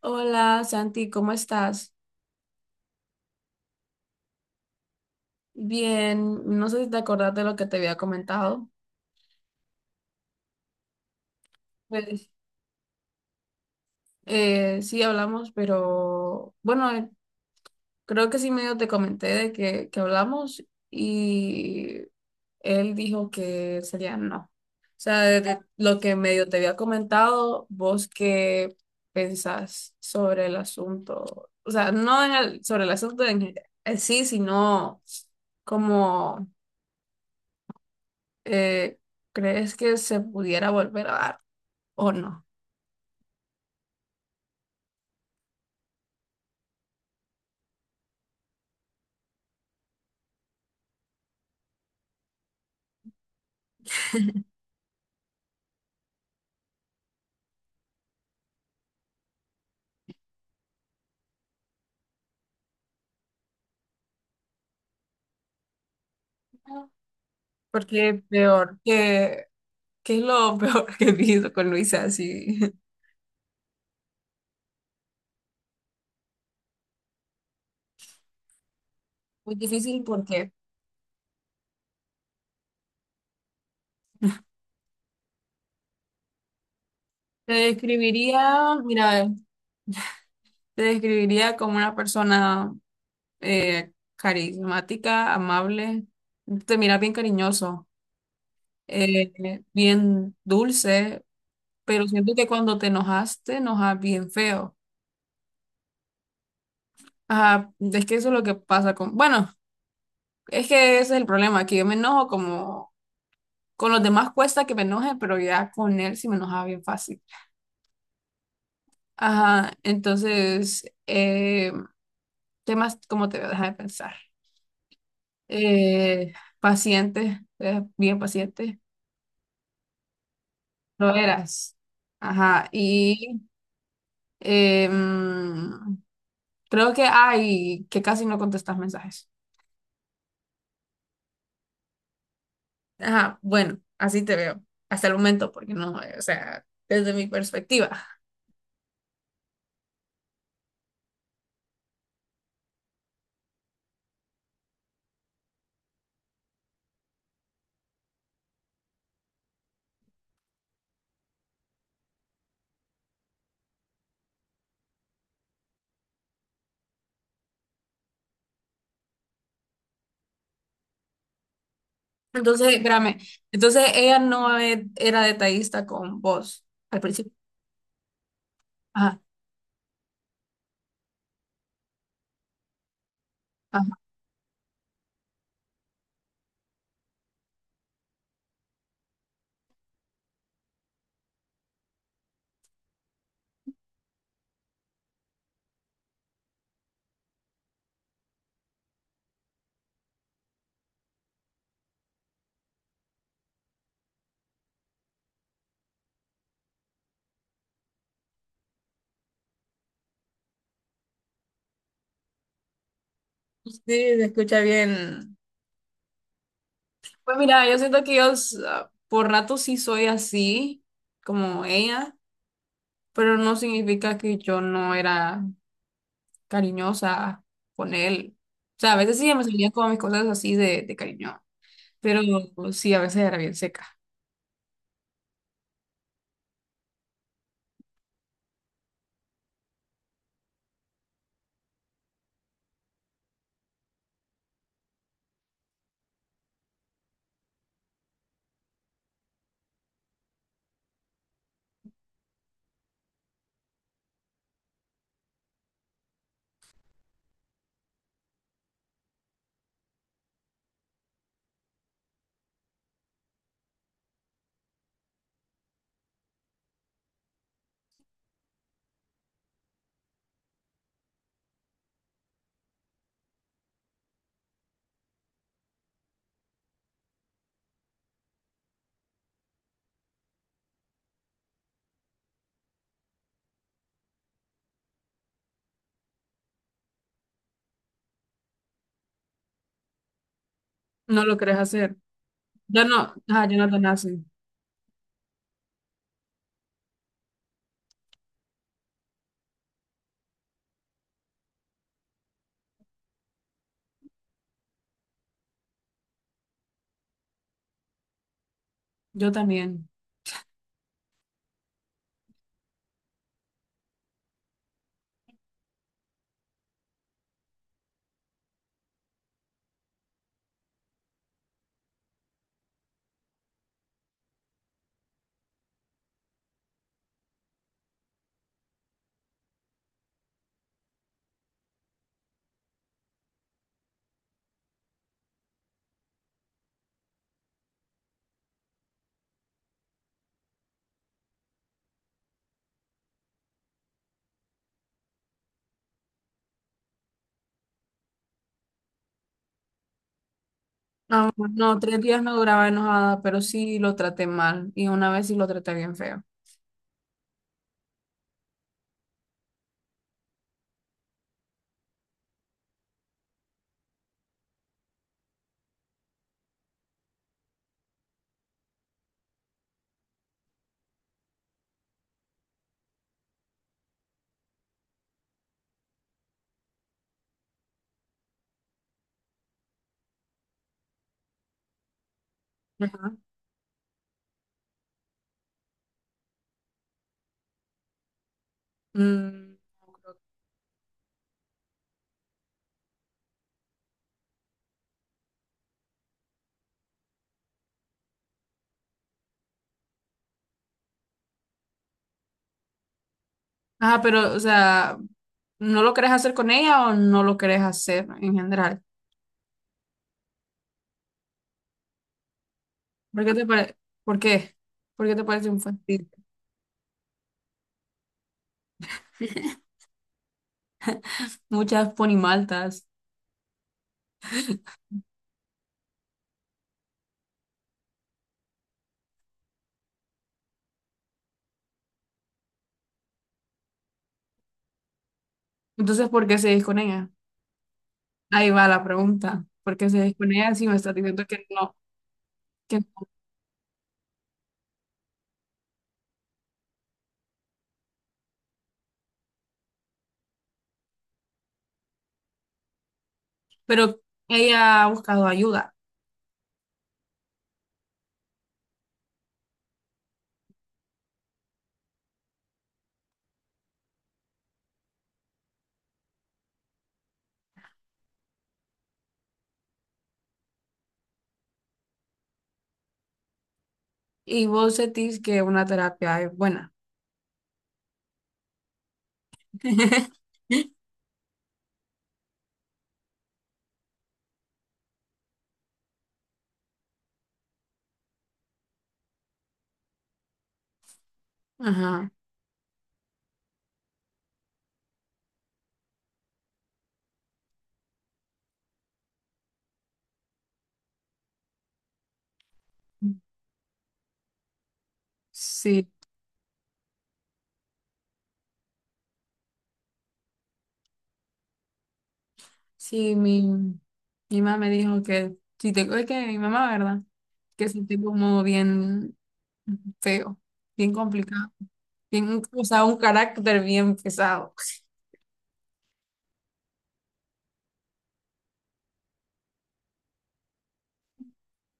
Hola Santi, ¿cómo estás? Bien, no sé si te acordás de lo que te había comentado. Pues sí hablamos, pero bueno, creo que sí medio te comenté de que hablamos y él dijo que sería no. O sea, de lo que medio te había comentado, vos qué pensás sobre el asunto. O sea, no sobre el asunto en sí, sino como eh, ¿crees que se pudiera volver a dar o no? Porque peor que, ¿qué es lo peor que he visto con Luisa? Así, muy difícil porque te describiría, mira, te describiría como una persona carismática, amable, te miras bien cariñoso, bien dulce, pero siento que cuando te enojaste, te enojas bien feo. Ajá, es que eso es lo que pasa con, bueno. Es que ese es el problema, que yo me enojo como con los demás cuesta que me enoje, pero ya con él sí me enojaba bien fácil. Ajá, entonces, temas, ¿cómo te voy a dejar de pensar? Eh, paciente, bien paciente, lo eras. Ajá, y em, creo que hay que casi no contestas mensajes. Ajá, bueno, así te veo, hasta el momento, porque no, o sea, desde mi perspectiva. Entonces, espérame, entonces ella no era detallista con vos al principio. Ajá, ajá. Sí, se escucha bien. Pues mira, yo siento que por rato sí soy así, como ella, pero no significa que yo no era cariñosa con él. O sea, a veces sí me salían como mis cosas así de cariño, pero sí, a veces era bien seca. No lo querés hacer. Ya no, ajá, yo no tan así. Yo también. No, no, tres días no duraba enojada, pero sí lo traté mal. Y una vez sí lo traté bien feo. Ajá. Mm, ajá, pero, o sea, ¿no lo querés hacer con ella o no lo querés hacer en general? ¿Por qué te pare- ¿Por qué? ¿Por qué te parece un fastidio? Muchas ponimaltas. Entonces, ¿por qué seguís con ella? Ahí va la pregunta. ¿Por qué seguís con ella si me estás diciendo que no? ¿Que no? Pero ella ha buscado ayuda y vos sentís que una terapia es buena. Ajá. Sí, sí, mi mamá me dijo que si tengo, es que mi mamá, ¿verdad? Que es un tipo como bien feo, bien complicado, bien, o sea, un carácter bien pesado.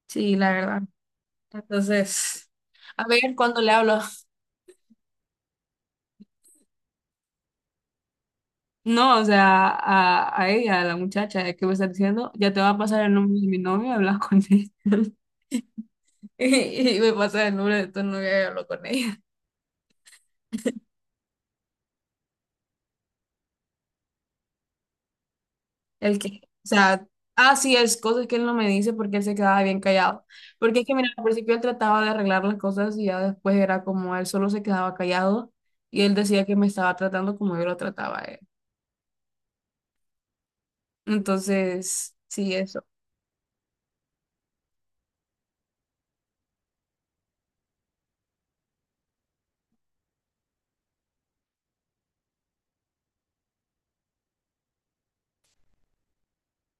Sí, la verdad. Entonces, a ver cuando le hablo. No, o sea, a ella, a la muchacha que me está diciendo, ya te va a pasar el nombre de mi novio, hablas con ella. Y, me pasa el nombre de tu novia y hablo con ella. El que, o sea, ah, sí, es cosas que él no me dice porque él se quedaba bien callado. Porque es que, mira, al principio él trataba de arreglar las cosas y ya después era como él solo se quedaba callado y él decía que me estaba tratando como yo lo trataba a él. Entonces, sí, eso.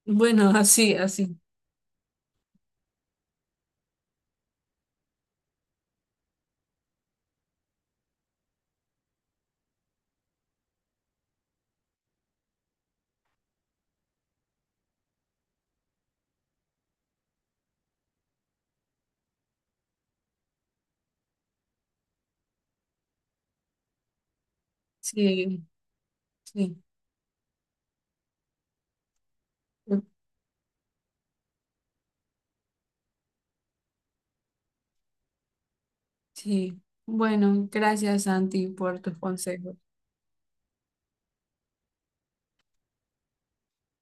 Bueno, así, así. Sí, sí, sí. Bueno, gracias, Santi, por tus consejos.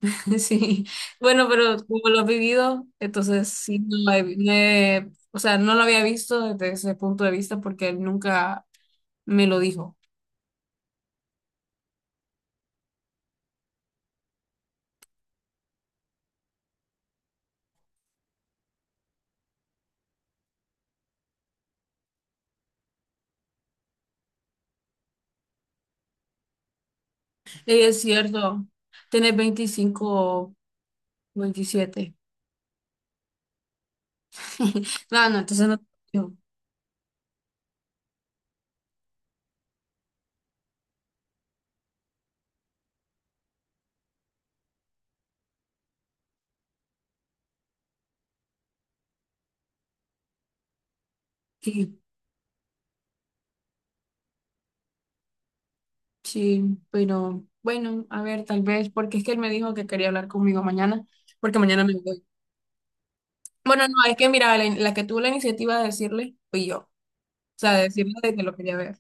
Sí, bueno, pero como lo has vivido, entonces sí, no lo he, no he- o sea, no lo había visto desde ese punto de vista porque él nunca me lo dijo. Y es cierto, tenés 25 o 27. No, no, entonces no. yo, Sí, sí, pero bueno, a ver, tal vez, porque es que él me dijo que quería hablar conmigo mañana, porque mañana me voy. Bueno, no, es que mira, la que tuvo la iniciativa de decirle fui yo, o sea, de decirle de que lo quería ver.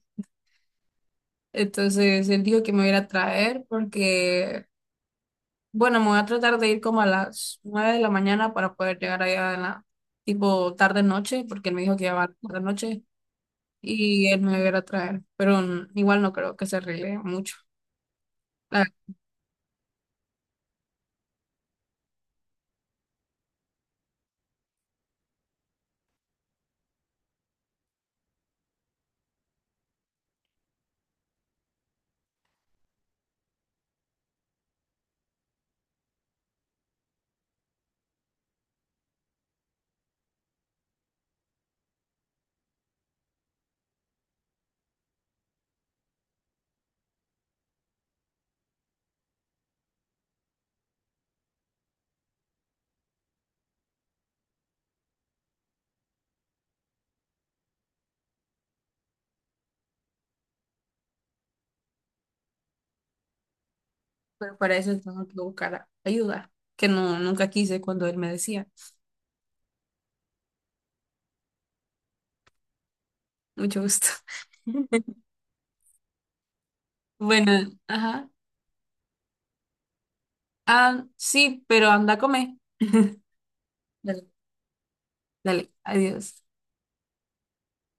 Entonces él dijo que me iba a ir a traer porque, bueno, me voy a tratar de ir como a las 9 de la mañana para poder llegar allá en la tipo tarde noche, porque él me dijo que iba a tarde noche y él me iba a ir a traer, pero igual no creo que se arregle mucho. Ah, pero para eso tengo que buscar ayuda, que no nunca quise cuando él me decía. Mucho gusto. Bueno, ajá. Ah, sí, pero anda a comer. Dale, dale, adiós.